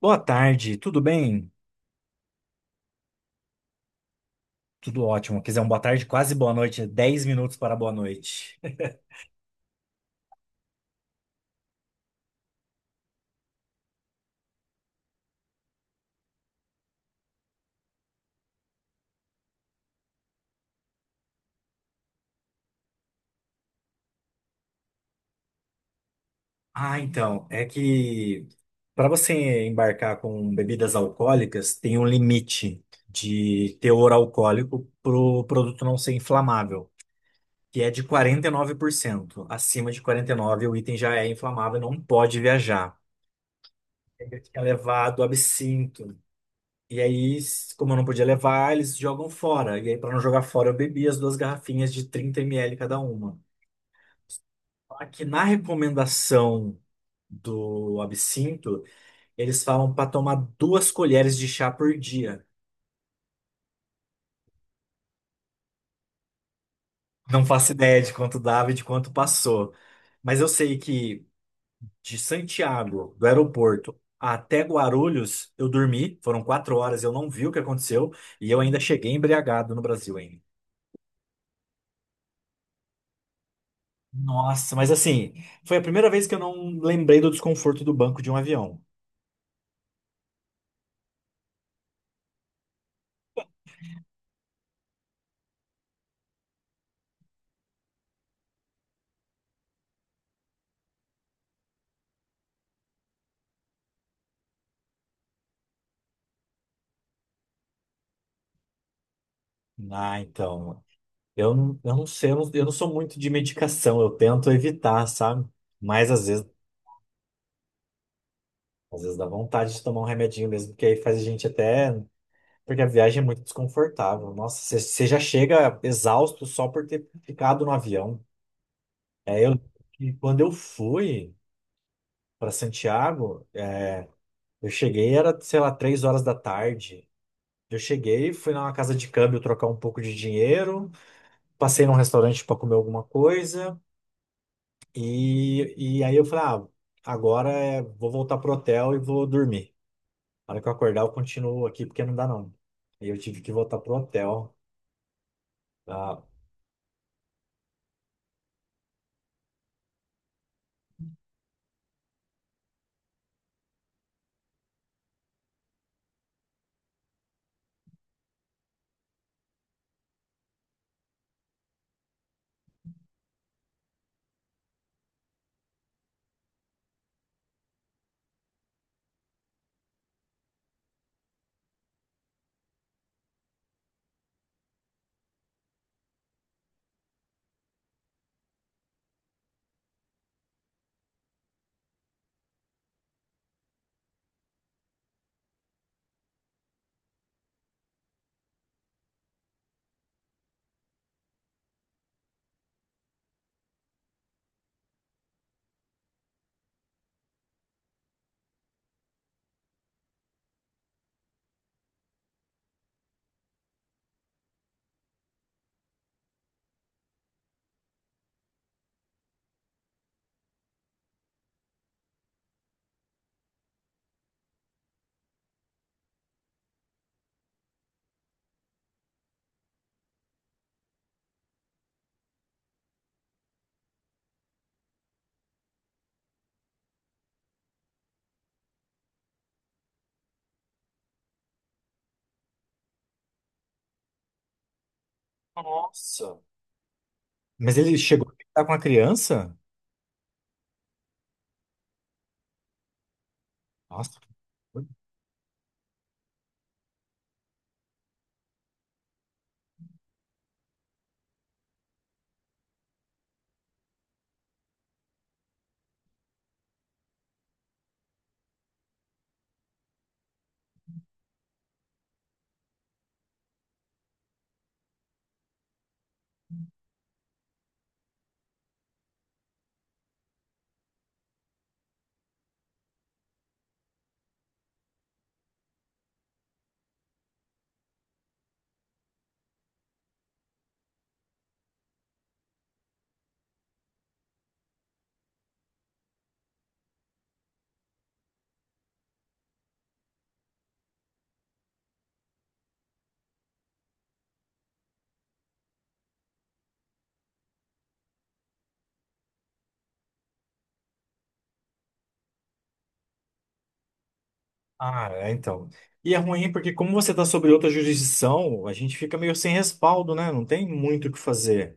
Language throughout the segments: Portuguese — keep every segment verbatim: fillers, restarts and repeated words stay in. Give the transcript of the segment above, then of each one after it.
Boa tarde, tudo bem? Tudo ótimo. Quer dizer, um boa tarde, quase boa noite, é dez minutos para boa noite. Ah, então, é que para você embarcar com bebidas alcoólicas, tem um limite de teor alcoólico para o produto não ser inflamável, que é de quarenta e nove por cento. Acima de quarenta e nove por cento, o item já é inflamável e não pode viajar. Tem que levar do absinto. E aí, s- como eu não podia levar, eles jogam fora. E aí, para não jogar fora, eu bebi as duas garrafinhas de trinta ml cada uma. Aqui na recomendação do absinto, eles falam para tomar duas colheres de chá por dia. Não faço ideia de quanto dava e de quanto passou. Mas eu sei que de Santiago, do aeroporto, até Guarulhos, eu dormi. Foram quatro horas, eu não vi o que aconteceu. E eu ainda cheguei embriagado no Brasil ainda. Nossa, mas assim, foi a primeira vez que eu não lembrei do desconforto do banco de um avião. Ah, então, eu não, eu não sei, eu não, eu não sou muito de medicação, eu tento evitar, sabe? Mas às vezes, às vezes dá vontade de tomar um remedinho mesmo, porque aí faz a gente até. Porque a viagem é muito desconfortável. Nossa, você você já chega exausto só por ter ficado no avião. É, eu, e quando eu fui para Santiago, é, eu cheguei, era, sei lá, três horas da tarde. Eu cheguei, fui numa casa de câmbio trocar um pouco de dinheiro, passei num restaurante para comer alguma coisa e, e aí eu falei, ah, agora é, vou voltar pro hotel e vou dormir. Na hora que eu acordar, eu continuo aqui porque não dá não. Aí eu tive que voltar pro hotel. Ah, nossa! Mas ele chegou a ficar com a criança? Nossa. Ah, é, então. E é ruim porque como você está sobre outra jurisdição, a gente fica meio sem respaldo, né? Não tem muito o que fazer.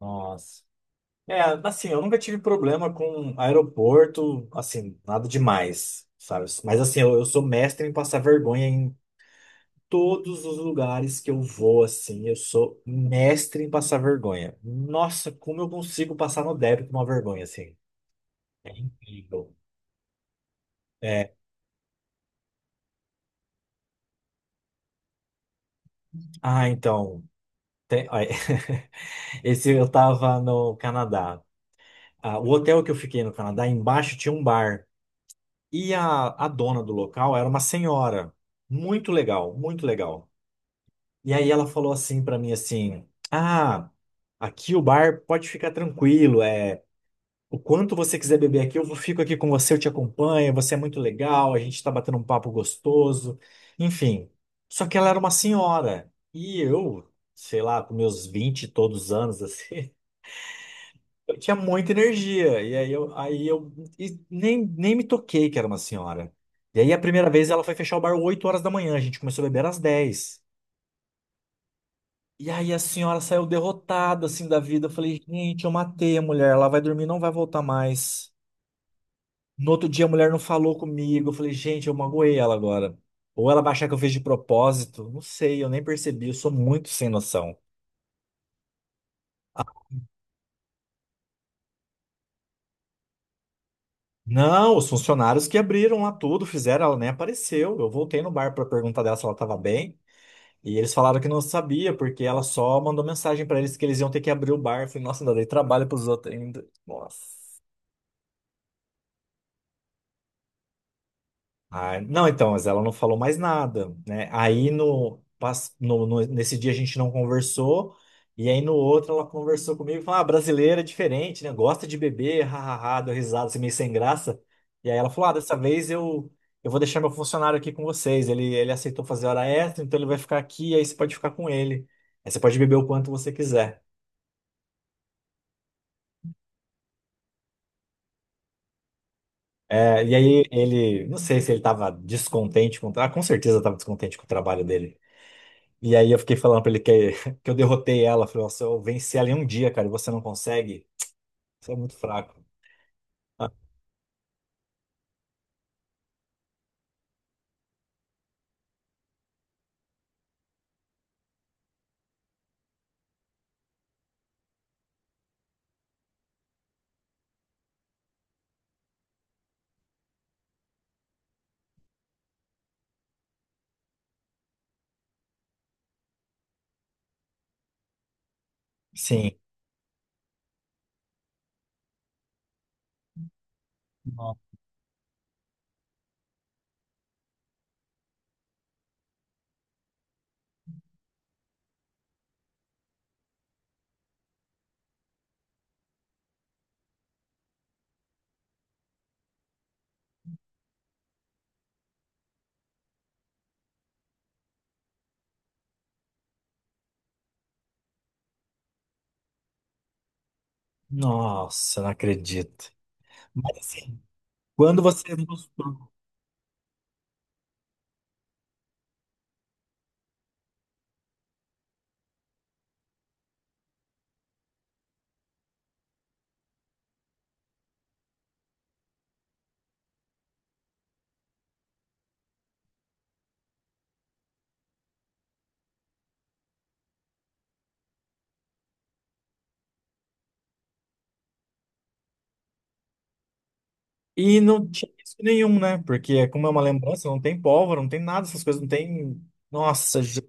Nossa. É, assim, eu nunca tive problema com aeroporto, assim, nada demais, sabe? Mas assim, eu, eu sou mestre em passar vergonha em todos os lugares que eu vou, assim, eu sou mestre em passar vergonha. Nossa, como eu consigo passar no débito uma vergonha, assim. Incrível. É, ah, então, tem- ó, esse eu tava no Canadá. Ah, o hotel que eu fiquei no Canadá, embaixo tinha um bar. E a, a dona do local era uma senhora. Muito legal, muito legal. E aí ela falou assim pra mim assim: "Ah, aqui o bar pode ficar tranquilo, é o quanto você quiser beber aqui, eu vou- fico aqui com você, eu te acompanho, você é muito legal, a gente tá batendo um papo gostoso". Enfim. Só que ela era uma senhora e eu, sei lá, com meus vinte e todos anos assim, eu tinha muita energia. E aí eu aí eu e nem nem me toquei que era uma senhora. E aí a primeira vez ela foi fechar o bar oito horas da manhã, a gente começou a beber às dez. E aí a senhora saiu derrotada assim da vida. Eu falei, gente, eu matei a mulher, ela vai dormir, não vai voltar mais. No outro dia a mulher não falou comigo. Eu falei, gente, eu magoei ela agora. Ou ela vai achar que eu fiz de propósito. Não sei, eu nem percebi, eu sou muito sem noção. Não, os funcionários que abriram lá tudo, fizeram, ela nem apareceu. Eu voltei no bar para perguntar dela se ela estava bem. E eles falaram que não sabia, porque ela só mandou mensagem para eles que eles iam ter que abrir o bar. Eu falei, nossa, ainda dei trabalho para os outros ainda. Nossa. Ah, não, então, mas ela não falou mais nada, né? Aí no, pas- no- no- nesse dia a gente não conversou, e aí no outro ela conversou comigo e falou: Ah, brasileira é diferente, né? Gosta de beber, hahaha, deu risada, assim, meio sem graça. E aí ela falou: Ah, dessa vez eu, eu vou deixar meu funcionário aqui com vocês. Ele, ele aceitou fazer hora extra, então ele vai ficar aqui, aí você pode ficar com ele. Aí você pode beber o quanto você quiser. É, e aí ele, não sei se ele tava descontente com, ah, com certeza estava descontente com o trabalho dele. E aí eu fiquei falando pra ele que, que eu derrotei ela. Falei, nossa, eu venci ela em um dia, cara, e você não consegue? Você é muito fraco. Ah, sim. No- Nossa, não acredito. Mas assim, quando você. E não tinha risco nenhum, né? Porque como é uma lembrança, não tem pólvora, não tem nada, essas coisas, não tem. Nossa, ge-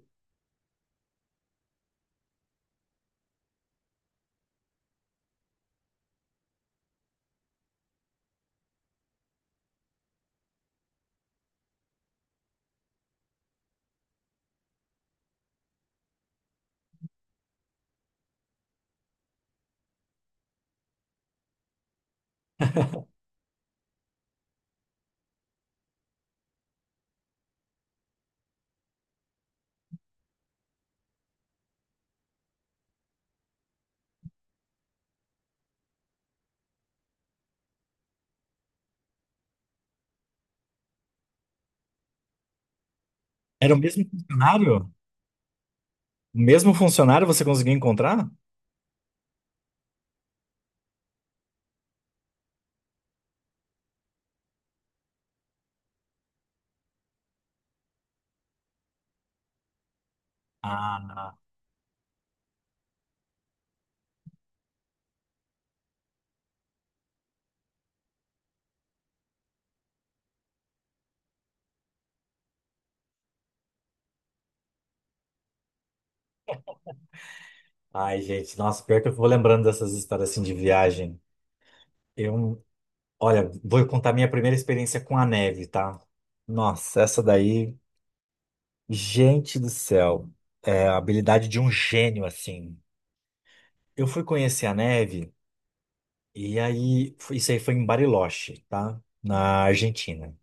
Era o mesmo funcionário? O mesmo funcionário você conseguiu encontrar? Ah, ai, gente, nossa, pior que eu vou lembrando dessas histórias assim de viagem. Eu, olha, vou contar minha primeira experiência com a neve, tá? Nossa, essa daí, gente do céu, é a habilidade de um gênio assim. Eu fui conhecer a neve e aí, foi- isso aí foi em Bariloche, tá? Na Argentina.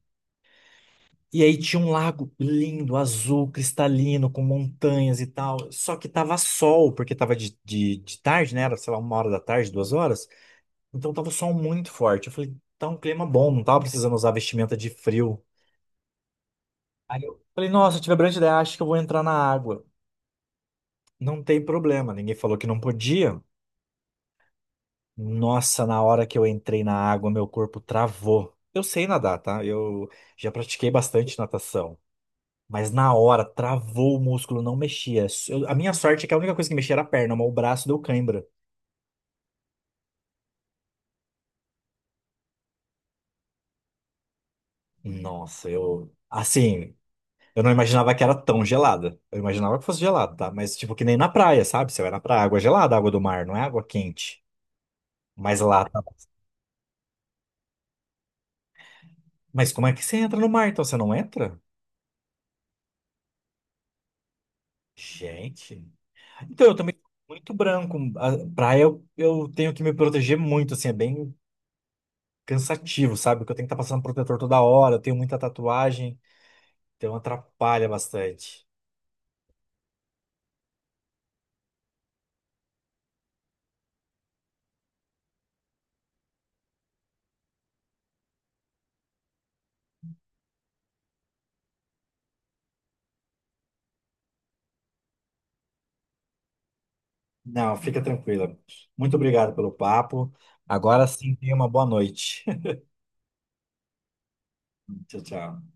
E aí tinha um lago lindo, azul, cristalino, com montanhas e tal. Só que tava sol, porque tava de, de, de tarde, né? Era, sei lá, uma hora da tarde, duas horas. Então tava o sol muito forte. Eu falei, tá um clima bom, não tava precisando usar vestimenta de frio. Aí eu falei, nossa, eu tive a brilhante ideia, acho que eu vou entrar na água. Não tem problema, ninguém falou que não podia. Nossa, na hora que eu entrei na água, meu corpo travou. Eu sei nadar, tá? Eu já pratiquei bastante natação. Mas na hora, travou o músculo, não mexia. Eu- a minha sorte é que a única coisa que mexia era a perna, mas o braço deu cãibra. Nossa, eu. Assim, eu não imaginava que era tão gelada. Eu imaginava que fosse gelada, tá? Mas, tipo, que nem na praia, sabe? Você vai na praia, água é gelada, água do mar, não é água quente. Mas lá tá. Mas como é que você entra no mar, então? Você não entra? Gente. Então, eu também sou muito branco. A praia, eu, eu tenho que me proteger muito, assim, é bem cansativo, sabe? Porque eu tenho que estar passando protetor toda hora, eu tenho muita tatuagem, então atrapalha bastante. Não, fica tranquila. Muito obrigado pelo papo. Agora sim, tenha uma boa noite. Tchau, tchau.